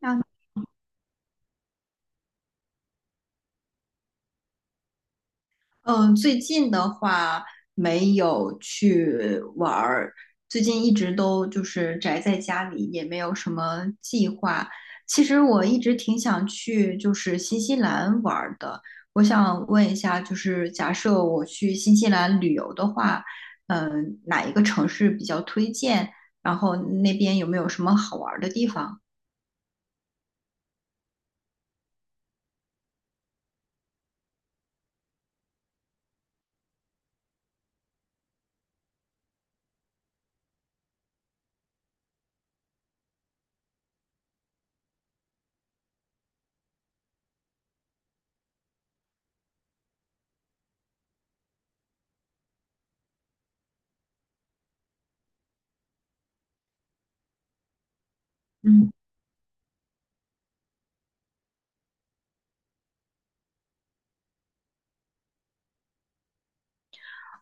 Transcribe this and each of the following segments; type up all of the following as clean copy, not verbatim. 那嗯，最近的话没有去玩儿，最近一直都就是宅在家里，也没有什么计划。其实我一直挺想去就是新西兰玩儿的。我想问一下，就是假设我去新西兰旅游的话，哪一个城市比较推荐？然后那边有没有什么好玩儿的地方？嗯。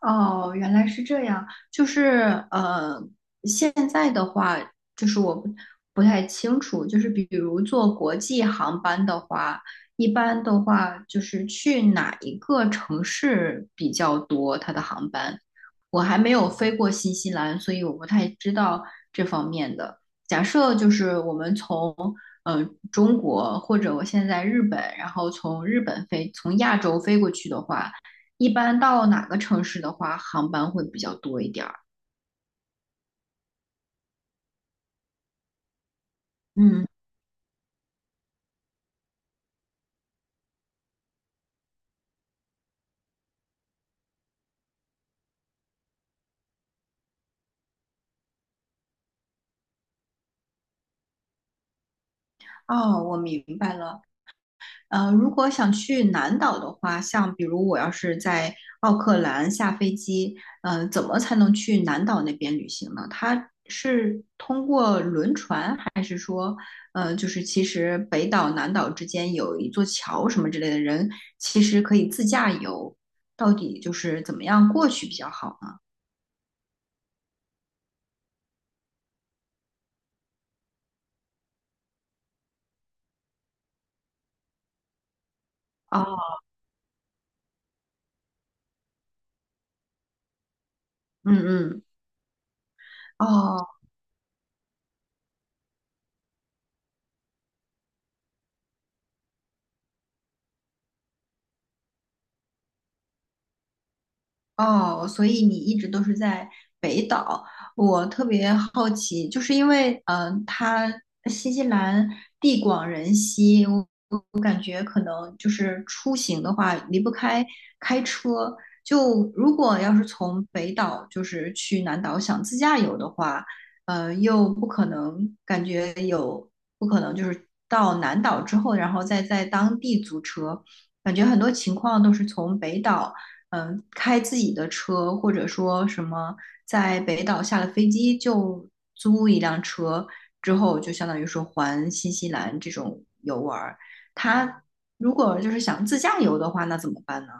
哦，原来是这样，就是呃，现在的话，就是我不太清楚，就是比如坐国际航班的话，一般的话就是去哪一个城市比较多，它的航班，我还没有飞过新西兰，所以我不太知道这方面的。假设就是我们从呃中国或者我现在日本，然后从日本飞，从亚洲飞过去的话。一般到哪个城市的话，航班会比较多一点儿。嗯。哦，我明白了。如果想去南岛的话，像比如我要是在奥克兰下飞机，怎么才能去南岛那边旅行呢？它是通过轮船，还是说，就是其实北岛南岛之间有一座桥什么之类的人，其实可以自驾游，到底就是怎么样过去比较好呢？哦，嗯嗯，哦。哦，所以你一直都是在北岛，我特别好奇，就是因为它新西兰地广人稀，我感觉可能就是出行的话离不开开车。就如果要是从北岛就是去南岛想自驾游的话，又不可能感觉有不可能就是到南岛之后，然后再在当地租车，感觉很多情况都是从北岛。开自己的车，或者说什么在北岛下了飞机就租一辆车，之后就相当于说环新西兰这种游玩儿。他如果就是想自驾游的话，那怎么办呢？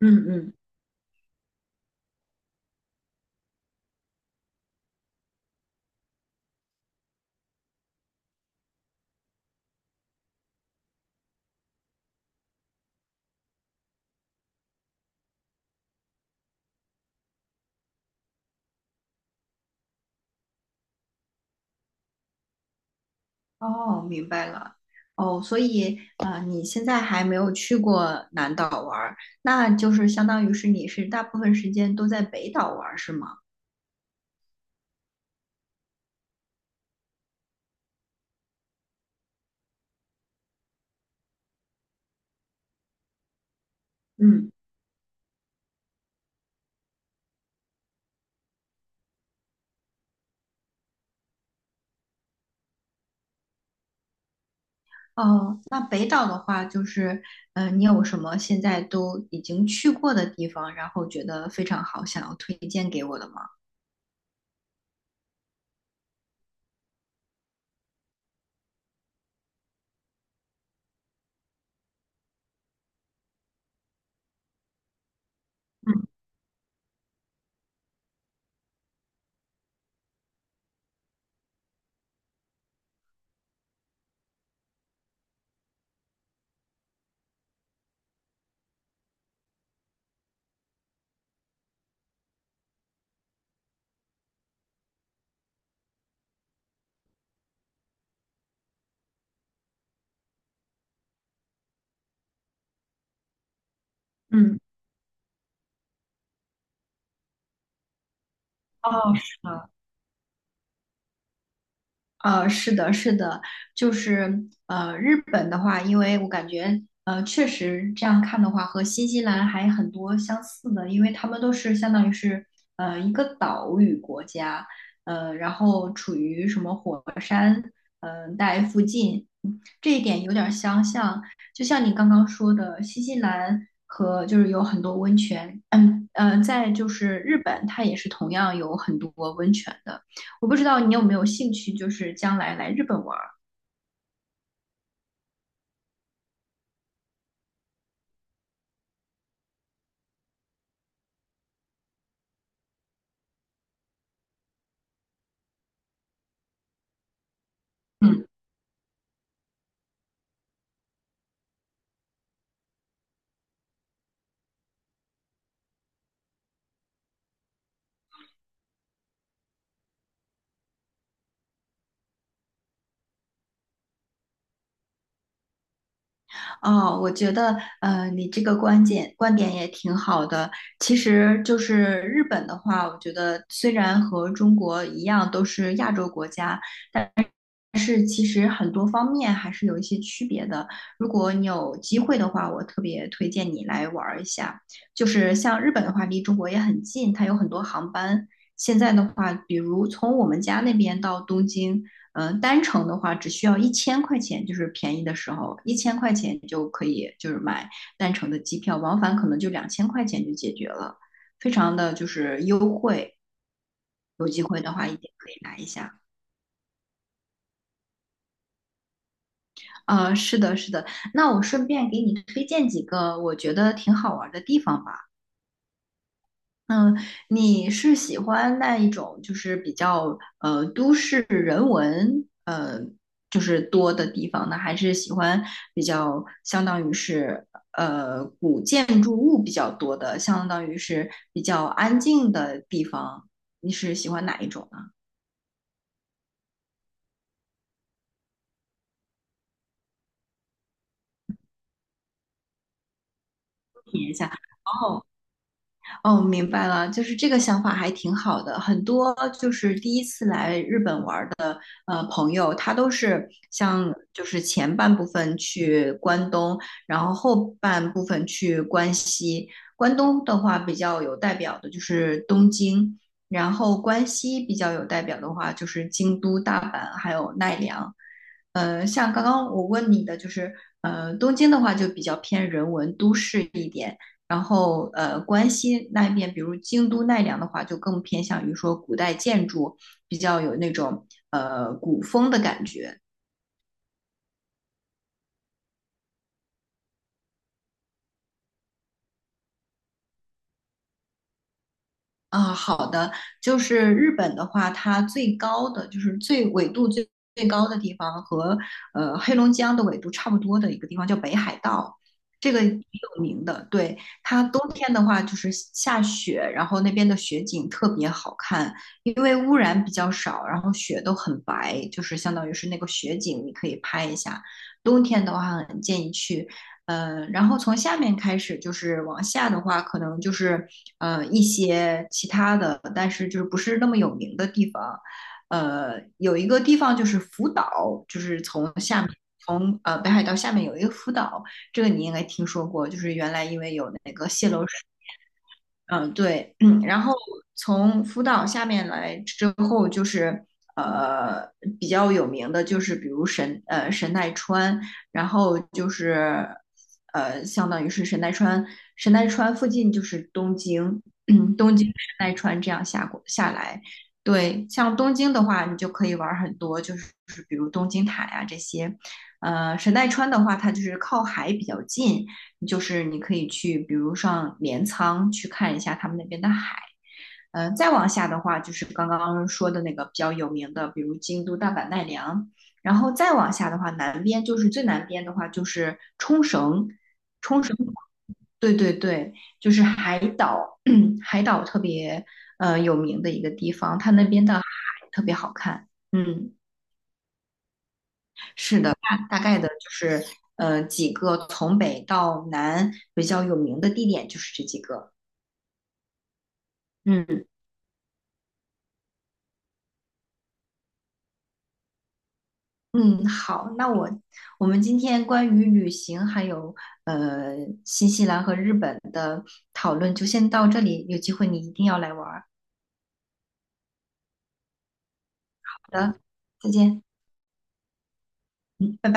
嗯嗯，哦，明白了。哦，所以啊,你现在还没有去过南岛玩儿，那就是相当于是你是大部分时间都在北岛玩儿，是吗？嗯。哦，那北岛的话，就是，你有什么现在都已经去过的地方，然后觉得非常好，想要推荐给我的吗？嗯嗯，哦，是的。是的，是的，日本的话，因为我感觉确实这样看的话，和新西兰还很多相似的，因为他们都是相当于是一个岛屿国家，然后处于什么火山带附近，这一点有点儿相像。就像你刚刚说的，新西兰和就是有很多温泉，在就是日本，它也是同样有很多温泉的。我不知道你有没有兴趣，就是将来来日本玩儿。嗯哦，我觉得你这个观点也挺好的。其实就是日本的话，我觉得虽然和中国一样都是亚洲国家，但是其实很多方面还是有一些区别的。如果你有机会的话，我特别推荐你来玩儿一下。就是像日本的话，离中国也很近，它有很多航班。现在的话，比如从我们家那边到东京，单程的话只需要一千块钱，就是便宜的时候，一千块钱就可以就是买单程的机票，往返可能就2000块钱就解决了，非常的就是优惠。有机会的话，一定可以来一下。是的，是的。那我顺便给你推荐几个我觉得挺好玩儿的地方吧。嗯，你是喜欢那一种就是比较都市人文就是多的地方呢，还是喜欢比较相当于是古建筑物比较多的，相当于是比较安静的地方？你是喜欢哪一种呢？体验一下。哦，哦，明白了，就是这个想法还挺好的。很多就是第一次来日本玩的。朋友，他都是像就是前半部分去关东，然后后半部分去关西。关东的话比较有代表的就是东京，然后关西比较有代表的话就是京都、大阪还有奈良。像刚刚我问你的，东京的话就比较偏人文都市一点，然后关西那边，比如京都、奈良的话，就更偏向于说古代建筑，比较有那种古风的感觉啊。好的，就是日本的话，它最高的就是最纬度最高的地方和黑龙江的纬度差不多的一个地方叫北海道，这个挺有名的。对，它冬天的话就是下雪，然后那边的雪景特别好看，因为污染比较少，然后雪都很白，就是相当于是那个雪景，你可以拍一下。冬天的话，很建议去然后从下面开始就是往下的话，可能就是一些其他的，但是就是不是那么有名的地方。有一个地方就是福岛，就是从下面从北海道下面有一个福岛，这个你应该听说过，就是原来因为有那个泄漏水嗯，对，然后从福岛下面来之后，就是呃比较有名的，就是比如神奈川，然后就是相当于是神奈川，神奈川附近就是东京，东京神奈川这样下过下来，对，像东京的话，你就可以玩儿很多，就是比如东京塔呀、这些，神奈川的话，它就是靠海比较近，就是你可以去，比如上镰仓去看一下他们那边的海。再往下的话，就是刚刚说的那个比较有名的，比如京都、大阪、奈良。然后再往下的话，南边就是最南边的话，就是冲绳。冲绳，对对对，就是海岛，海岛特别有名的一个地方，它那边的海特别好看。嗯。是的，大概的就是几个从北到南比较有名的地点就是这几个。嗯嗯，好，那我们今天关于旅行还有呃新西兰和日本的讨论就先到这里，有机会你一定要来玩儿。好的，再见，嗯，拜拜。